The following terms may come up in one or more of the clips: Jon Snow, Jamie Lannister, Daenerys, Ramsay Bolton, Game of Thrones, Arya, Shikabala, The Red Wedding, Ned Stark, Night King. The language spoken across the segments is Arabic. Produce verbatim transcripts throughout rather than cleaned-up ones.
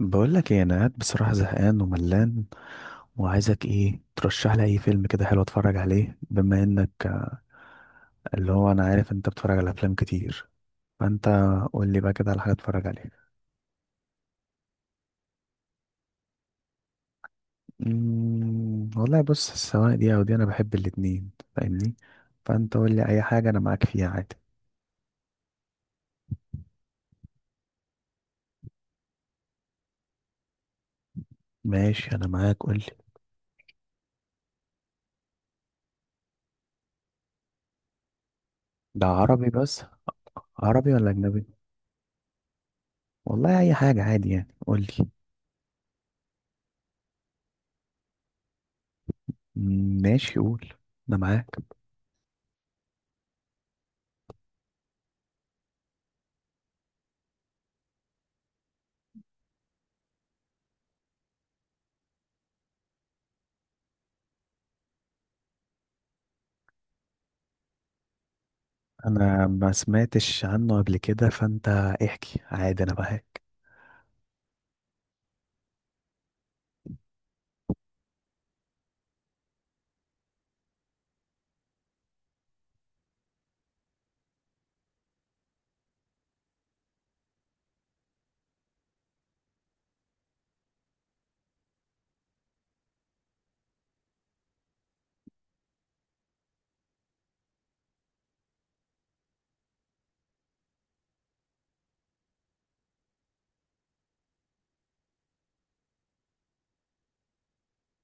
بقول لك ايه، انا قاعد بصراحه زهقان وملان، وعايزك ايه ترشح لي اي فيلم كده حلو اتفرج عليه. بما انك اللي هو انا عارف انت بتتفرج على افلام كتير، فانت قول لي بقى كده على حاجه اتفرج عليها. امم والله بص، سواء دي او دي، انا بحب الاتنين، فاهمني. فانت قول لي اي حاجه انا معاك فيها عادي. ماشي، انا معاك، قول لي. ده عربي بس، عربي ولا اجنبي؟ والله اي حاجه عادي، يعني قول لي. ماشي، قول، انا معاك. انا ما سمعتش عنه قبل كده، فانت احكي عادي، انا بهاك.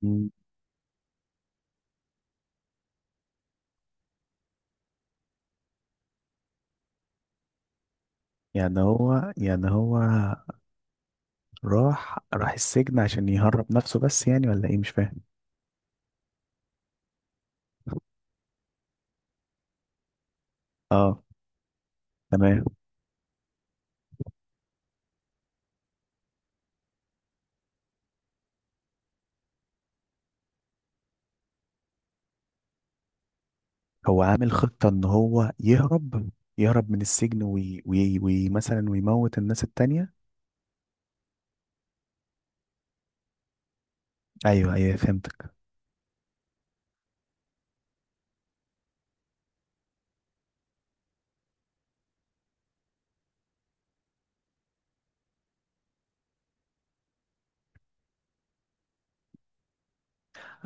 مم. يعني هو يعني هو راح راح السجن عشان يهرب نفسه، بس يعني ولا ايه مش فاهم؟ اه، تمام. هو عامل خطة ان هو يهرب يهرب من السجن، وي وي وي مثلا ويموت الناس التانية. ايوه ايوه، فهمتك.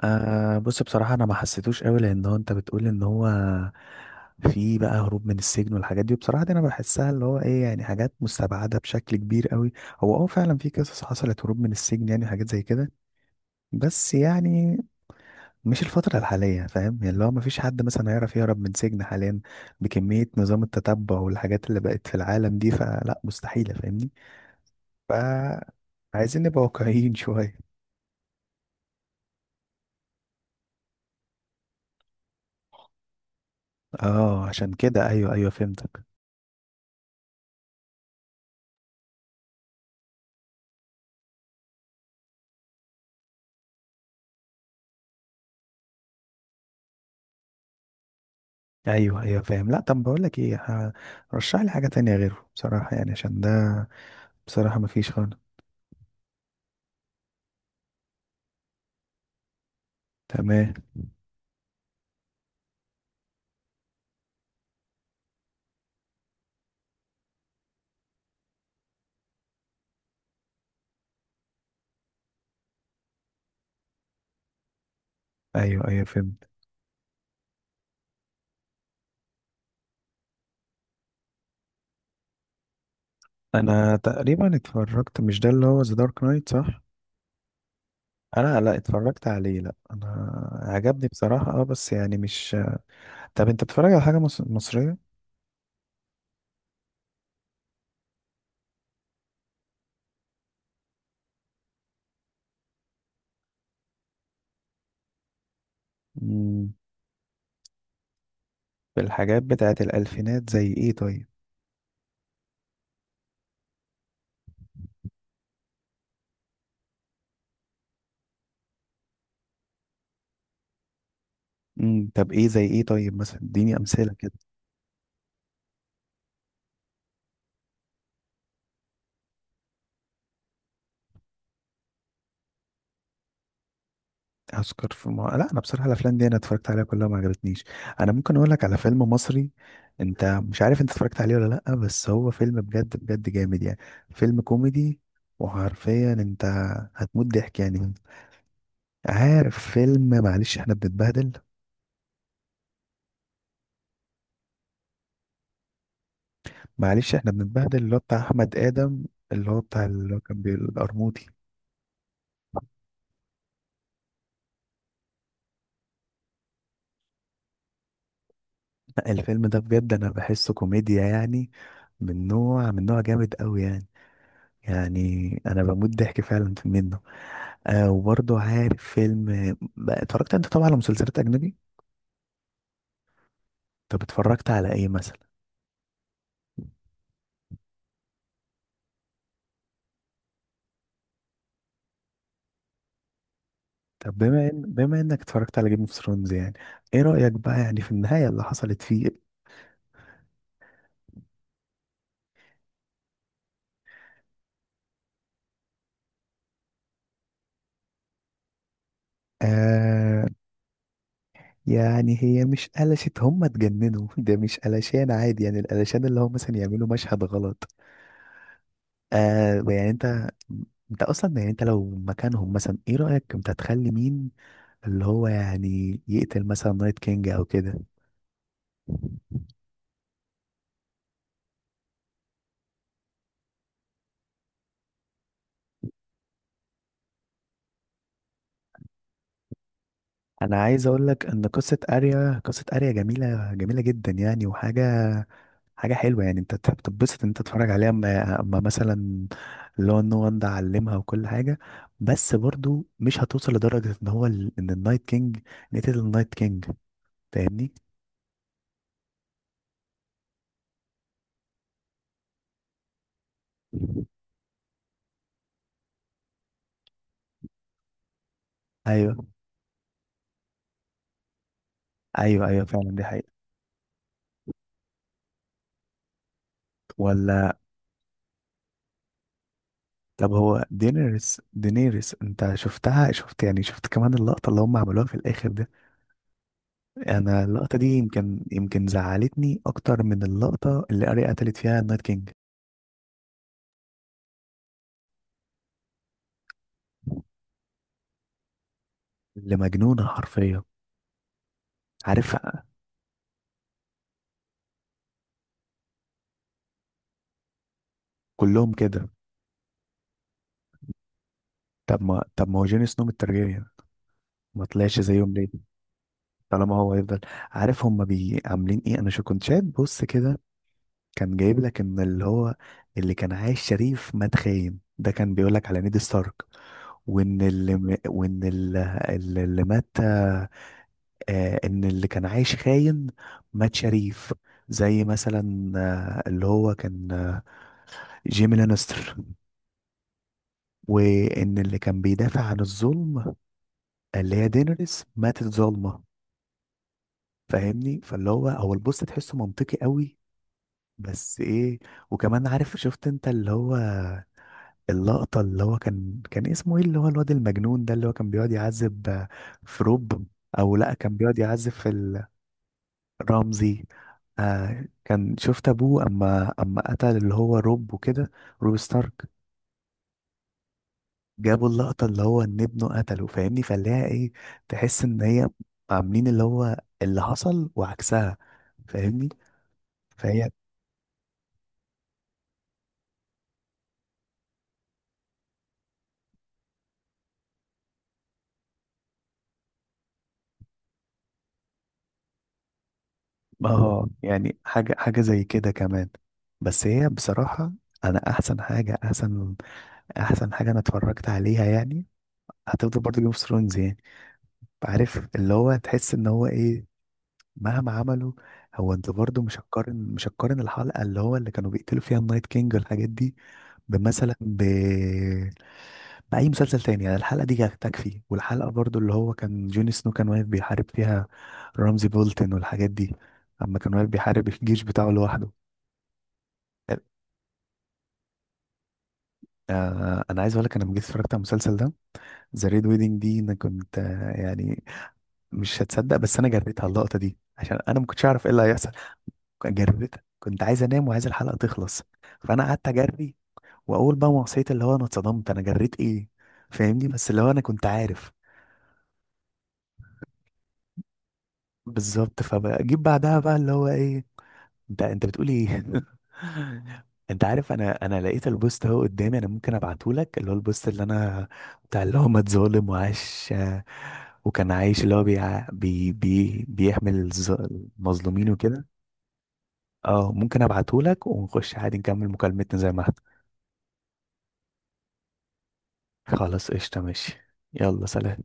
آه، بص بصراحة أنا ما حسيتوش قوي، لأن هو أنت بتقول إن هو في بقى هروب من السجن والحاجات دي، وبصراحة دي أنا بحسها اللي هو إيه يعني حاجات مستبعدة بشكل كبير قوي. هو أه فعلا في قصص حصلت هروب من السجن، يعني حاجات زي كده، بس يعني مش الفترة الحالية، فاهم يعني، اللي هو ما فيش حد مثلا هيعرف يهرب من سجن حاليا بكمية نظام التتبع والحاجات اللي بقت في العالم دي، فلا مستحيلة، فاهمني. ف عايزين نبقى واقعيين شوية. اه، عشان كده ايوه ايوه فهمتك. ايوه ايوه فاهم. لا طب بقول لك ايه، ه- رشح لي حاجه تانية غيره بصراحه، يعني عشان ده بصراحه ما فيش خالص. تمام. ايوه ايوه فهمت. انا تقريبا اتفرجت، مش ده اللي هو ذا دارك نايت صح؟ انا، لا اتفرجت عليه، لا انا عجبني بصراحه، اه، بس يعني مش... طب انت بتتفرج على حاجه مص... مصريه؟ امم بالحاجات بتاعت الالفينات زي ايه طيب؟ امم طب ايه زي ايه طيب، مثلا اديني امثله كده. هسكر في ما... لا انا بصراحه الافلام دي انا اتفرجت عليها كلها ما عجبتنيش. انا ممكن اقول لك على فيلم مصري، انت مش عارف انت اتفرجت عليه ولا لا، بس هو فيلم بجد بجد جامد يعني. فيلم كوميدي، وحرفيا انت هتموت ضحك يعني. عارف فيلم معلش احنا بنتبهدل؟ معلش احنا بنتبهدل اللي هو بتاع احمد ادم، اللي هو بتاع اللي هو كان بيقول القرموطي. لا، الفيلم ده بجد انا بحسه كوميديا، يعني من نوع من نوع جامد قوي يعني. يعني انا بموت ضحك فعلا في منه. آه، وبرضه عارف فيلم بقى اتفرجت انت طبعا على مسلسلات اجنبي. طب اتفرجت على ايه مثلا؟ طب بما ان بما انك اتفرجت على جيم اوف ثرونز، يعني ايه رأيك بقى يعني في النهاية اللي حصلت فيه؟ آه. يعني هي مش قلشت، هم اتجننوا ده مش قلشان عادي، يعني القلشان اللي هم مثلا يعملوا مشهد غلط. آه، يعني انت انت اصلا يعني انت لو مكانهم، مثلا ايه رأيك انت تخلي مين اللي هو يعني يقتل مثلا نايت كينج او كده؟ انا عايز اقول لك ان قصه اريا قصه اريا جميله جميله جدا يعني، وحاجه حاجه حلوه، يعني انت تحب تتبسط ان انت تتفرج عليها. اما أما مثلا اللي هو نو وان ده علمها وكل حاجه، بس برضو مش هتوصل لدرجه ان هو ال... ان النايت كينج نتيجة النايت كينج، فاهمني. ايوه ايوه ايوه، فعلا دي حقيقه. ولا طب هو دينيريس دينيريس انت شفتها، شفت يعني شفت كمان اللقطه اللي هم عملوها في الاخر دي؟ انا اللقطه دي يمكن يمكن زعلتني اكتر من اللقطه اللي اريا قتلت فيها النايت كينج، اللي مجنونه حرفيا، عارف. كلهم كده. طب ما طب ما هو جون سنو من الترجية، ما طلعش زيهم ليه؟ طالما هو هيفضل، عارف هما بي عاملين ايه. انا شو كنت شايف، بص كده، كان جايب لك ان اللي هو اللي كان عايش شريف مات خاين. ده كان بيقول لك على نيد ستارك، وان اللي م- وان اللي, اللي مات. آه، ان اللي كان عايش خاين مات شريف، زي مثلا آه اللي هو كان آه، جيمي لانستر. وان اللي كان بيدافع عن الظلم اللي هي دينيريس ماتت ظالمة، فاهمني، فاللي هو هو البوست تحسه منطقي قوي. بس ايه؟ وكمان عارف، شفت انت اللي هو اللقطة اللي هو كان كان اسمه ايه، اللي هو الواد المجنون ده اللي هو كان بيقعد يعذب آه، في روب؟ او لا، كان بيقعد يعذب في رمزي. آه، كان شفت ابوه اما اما قتل اللي هو روب وكده، روب ستارك؟ جابوا اللقطة اللي هو ان ابنه قتله، فاهمني، فاللي هي ايه، تحس ان هي عاملين اللي هو اللي حصل وعكسها، فاهمني. فهي، اه، يعني حاجة حاجة زي كده كمان. بس هي بصراحة، انا احسن حاجة احسن احسن حاجة انا اتفرجت عليها يعني هتفضل برضه جيم اوف ثرونز يعني. عارف اللي هو تحس ان هو ايه، مهما عملوا، هو انت برضو مش هتقارن مش هتقارن الحلقه اللي هو اللي كانوا بيقتلوا فيها النايت كينج والحاجات دي بمثلا ب... باي مسلسل تاني. يعني الحلقه دي تكفي، والحلقه برضو اللي هو كان جون سنو كان واقف بيحارب فيها رمزي بولتن والحاجات دي، اما كان واقف بيحارب الجيش بتاعه لوحده. آه، انا عايز اقول لك، انا لما جيت اتفرجت على المسلسل ده، ذا ريد ويدنج دي انا كنت آه، يعني مش هتصدق، بس انا جريتها اللقطه دي عشان انا ما كنتش اعرف ايه اللي هيحصل. جربتها، كنت عايز انام وعايز الحلقه تخلص، فانا قعدت اجري. واول بقى ما وصلت اللي هو، انا اتصدمت انا جريت ايه، فاهمني. بس اللي هو انا كنت عارف. بالظبط، فبجيب بعدها بقى اللي هو ايه، انت انت بتقول ايه. انت عارف، انا انا لقيت البوست اهو قدامي، انا ممكن ابعته لك، اللي هو البوست اللي انا بتاع اللي هو ما اتظالم وعاش، وكان عايش اللي هو بيع... بي... بي... بيحمل الظ- المظلومين وكده. اه، ممكن ابعته لك ونخش عادي نكمل مكالمتنا زي ما احنا. خلاص قشطة، ماشي، يلا سلام.